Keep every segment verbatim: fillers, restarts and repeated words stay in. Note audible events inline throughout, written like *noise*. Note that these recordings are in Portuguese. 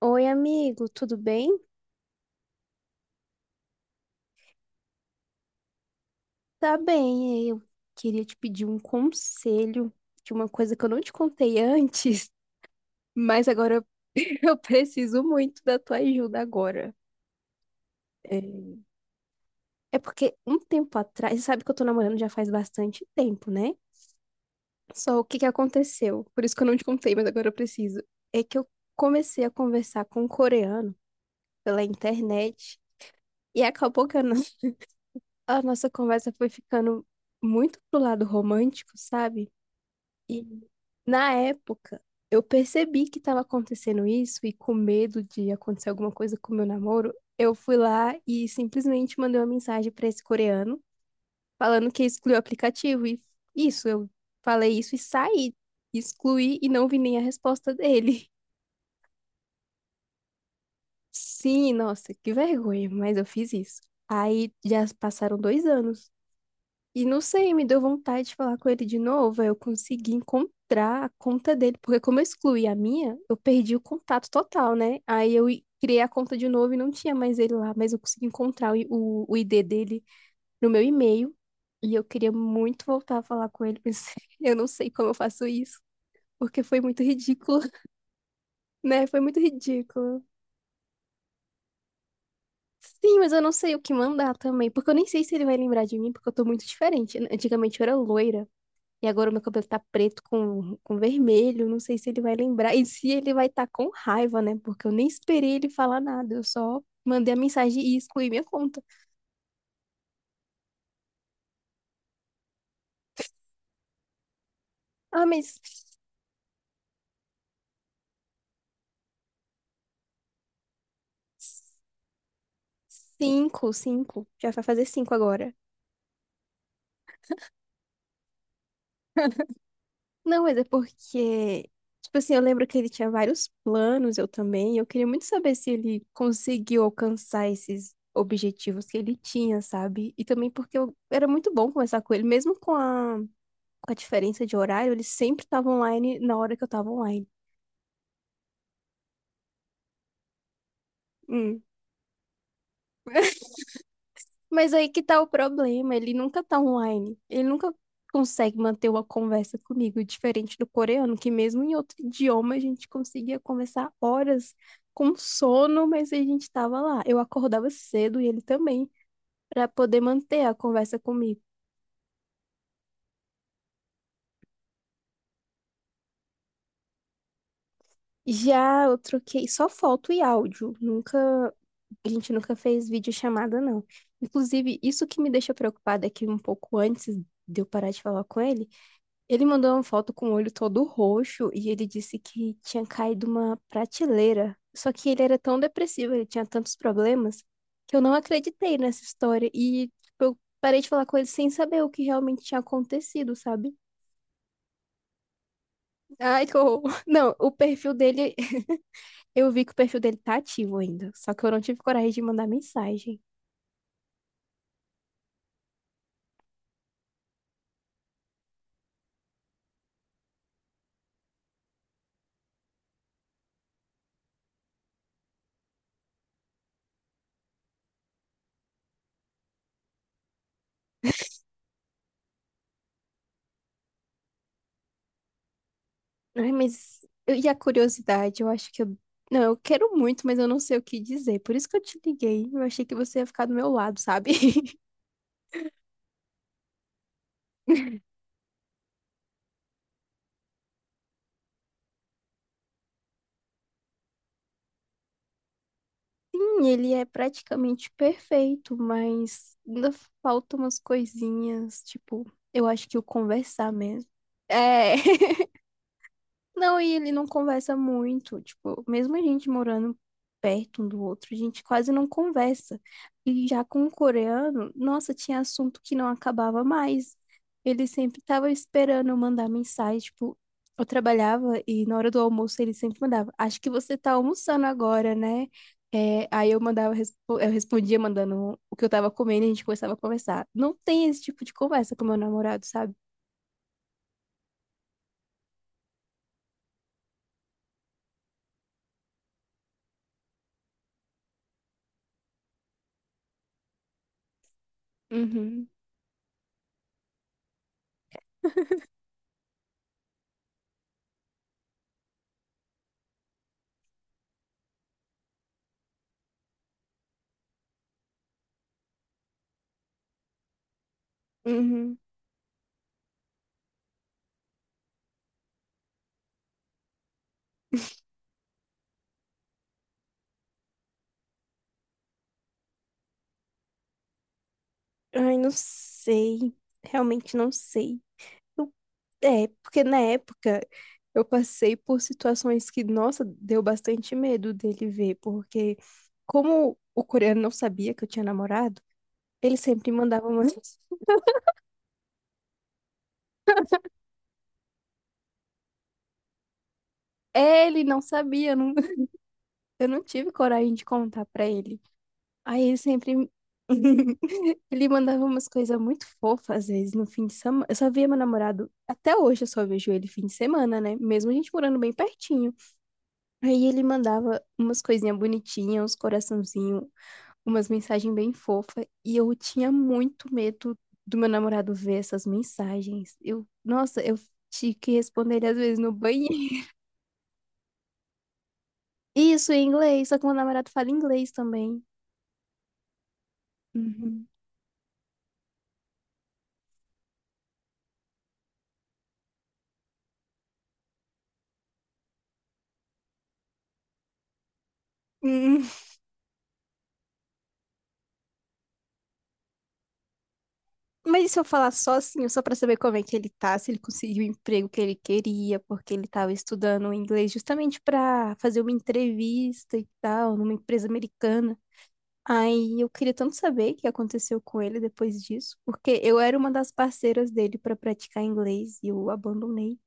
Oi, amigo, tudo bem? Tá bem, é, eu queria te pedir um conselho de uma coisa que eu não te contei *laughs* antes, mas agora eu *laughs* eu preciso muito da tua ajuda agora. É é porque um tempo atrás, você sabe que eu tô namorando já faz bastante tempo, né? Só o que que aconteceu? Por isso que eu não te contei, mas agora eu preciso. É que eu comecei a conversar com um coreano pela internet e acabou que a no- *laughs* a nossa conversa foi ficando muito pro lado romântico, sabe? E na época, eu percebi que estava acontecendo isso e, com medo de acontecer alguma coisa com o meu namoro, eu fui lá e simplesmente mandei uma mensagem para esse coreano falando que excluiu o aplicativo e isso, eu falei isso e saí, excluí e não vi nem a resposta dele. *laughs* Sim, nossa, que vergonha, mas eu fiz isso. Aí já passaram dois anos. E não sei, me deu vontade de falar com ele de novo. aí eu consegui encontrar a conta dele, porque como eu excluí a minha, eu perdi o contato total, né? Aí eu i- criei a conta de novo e não tinha mais ele lá, mas eu consegui encontrar o, i- o, o I D dele no meu e-mail. E eu queria muito voltar a falar com ele, mas *laughs* eu não sei como eu faço isso, porque foi muito ridículo, *laughs* né? Foi muito ridículo. Sim, mas eu não sei o que mandar também, porque eu nem sei se ele vai lembrar de mim, porque eu tô muito diferente. Antigamente eu era loira. E agora o meu cabelo tá preto com, com vermelho, não sei se ele vai lembrar. E se ele vai estar com raiva, né? Porque eu nem esperei ele falar nada, eu só mandei a mensagem e excluí minha conta. Ah, mas cinco, cinco. Já vai fazer cinco agora. Não, mas é porque, tipo assim, eu lembro que ele tinha vários planos, eu também. e eu queria muito saber se ele conseguiu alcançar esses objetivos que ele tinha, sabe? E também porque eu era muito bom conversar com ele, mesmo com a com a diferença de horário, ele sempre tava online na hora que eu tava online. Hum. Mas aí que tá o problema, ele nunca tá online. Ele nunca consegue manter uma conversa comigo, diferente do coreano, que mesmo em outro idioma a gente conseguia conversar horas com sono, mas a gente tava lá. Eu acordava cedo e ele também, pra poder manter a conversa comigo. Já eu troquei só foto e áudio. Nunca, a gente nunca fez videochamada, não. Inclusive, isso que me deixa preocupada é que um pouco antes de eu parar de falar com ele, ele mandou uma foto com o olho todo roxo e ele disse que tinha caído uma prateleira. Só que ele era tão depressivo, ele tinha tantos problemas, que eu não acreditei nessa história. E tipo, eu parei de falar com ele sem saber o que realmente tinha acontecido, sabe? Ai, que horror. *laughs* Não, o perfil dele, eu vi que o perfil dele tá ativo ainda, só que eu não tive coragem de mandar mensagem. Ai, mas eu- e a curiosidade? Eu acho que eu. Não, eu quero muito, mas eu não sei o que dizer. Por isso que eu te liguei. Eu achei que você ia ficar do meu lado, sabe? *laughs* Sim, ele é praticamente perfeito, mas ainda faltam umas coisinhas. Tipo, eu acho que o conversar mesmo. É. Não, e ele não conversa muito. Tipo, mesmo a gente morando perto um do outro, a gente quase não conversa. E já com o coreano, nossa, tinha assunto que não acabava mais. Ele sempre tava esperando eu mandar mensagem. Tipo, eu trabalhava e na hora do almoço ele sempre mandava: Acho que você tá almoçando agora, né? É, aí eu mandava, respo- eu respondia mandando o que eu tava comendo e a gente começava a conversar. Não tem esse tipo de conversa com meu namorado, sabe? Uhum, uhum. Ai, não sei. Realmente não sei. Eu- é, porque na época eu passei por situações que, nossa, deu bastante medo dele ver, porque como o coreano não sabia que eu tinha namorado, ele sempre mandava umas. Ele não sabia, eu não, *laughs* eu não tive coragem de contar pra ele. Aí ele sempre. *laughs* Ele mandava umas coisas muito fofas, às vezes, no fim de semana. Eu só via meu namorado, até hoje eu só vejo ele fim de semana, né? Mesmo a gente morando bem pertinho. Aí ele mandava umas coisinhas bonitinhas, uns coraçãozinho, umas mensagens bem fofas. E eu tinha muito medo do meu namorado ver essas mensagens. Eu, nossa, eu tinha que responder ele às vezes no banheiro. *laughs* Isso, em inglês, só que meu namorado fala inglês também. Uhum. Hum, mas e se eu falar só assim, só pra saber como é que ele tá, se ele conseguiu o emprego que ele queria, porque ele tava estudando inglês justamente pra fazer uma entrevista e tal, numa empresa americana. Aí eu queria tanto saber o que aconteceu com ele depois disso, porque eu era uma das parceiras dele pra praticar inglês e eu abandonei.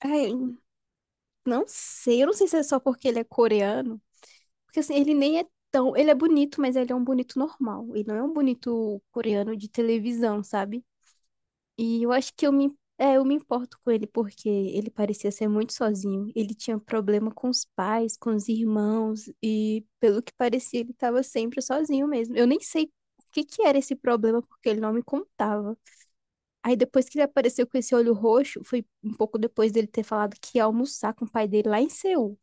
Ai, não sei, eu não sei se é só porque ele é coreano, porque assim, ele nem é tão, ele é bonito, mas ele é um bonito normal, ele não é um bonito coreano de televisão, sabe? E eu acho que eu me, é, eu me importo com ele porque ele parecia ser muito sozinho. Ele tinha problema com os pais, com os irmãos e, pelo que parecia, ele estava sempre sozinho mesmo. Eu nem sei o que que era esse problema porque ele não me contava. Aí depois que ele apareceu com esse olho roxo, foi um pouco depois dele ter falado que ia almoçar com o pai dele lá em Seul.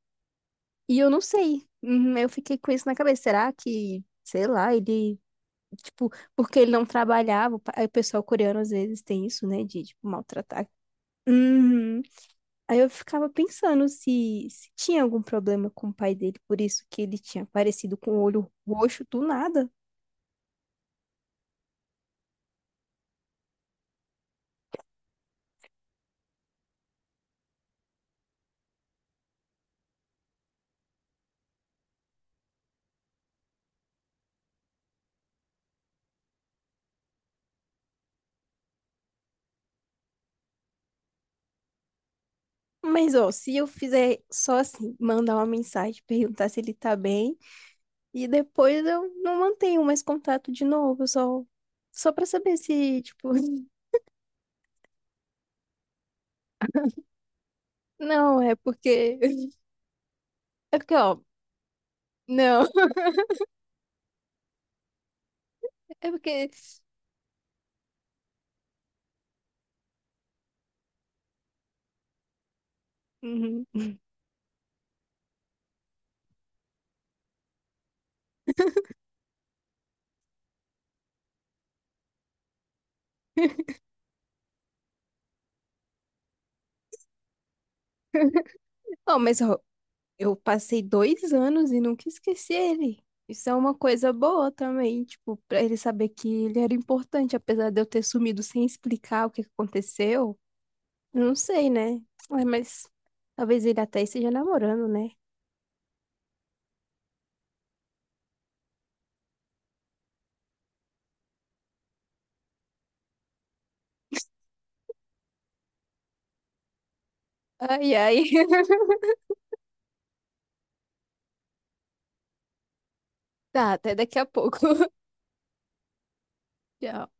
E eu não sei. Uhum, eu fiquei com isso na cabeça. Será que, sei lá, ele. Tipo, porque ele não trabalhava. O pa- aí o pessoal coreano às vezes tem isso, né? De, tipo, maltratar. Uhum. Aí eu ficava pensando se, se tinha algum problema com o pai dele, por isso que ele tinha aparecido com o olho roxo do nada. Mas, ó, se eu fizer só assim, mandar uma mensagem, *laughs* perguntar se ele tá bem, e depois eu não mantenho mais contato de novo, eu só, só pra saber se, tipo, *laughs* não, é porque. *laughs* É porque, ó, não, *laughs* é porque. Uhum. Ó, mas ó, eu passei dois anos e nunca esqueci ele. Isso é uma coisa boa também, tipo, pra ele saber que ele era importante, apesar de eu ter sumido sem explicar o que que aconteceu. Eu não sei, né? Ai, mas talvez ele até esteja namorando, né? Ai, ai. *laughs* Tá, até daqui a pouco. *laughs* Tchau.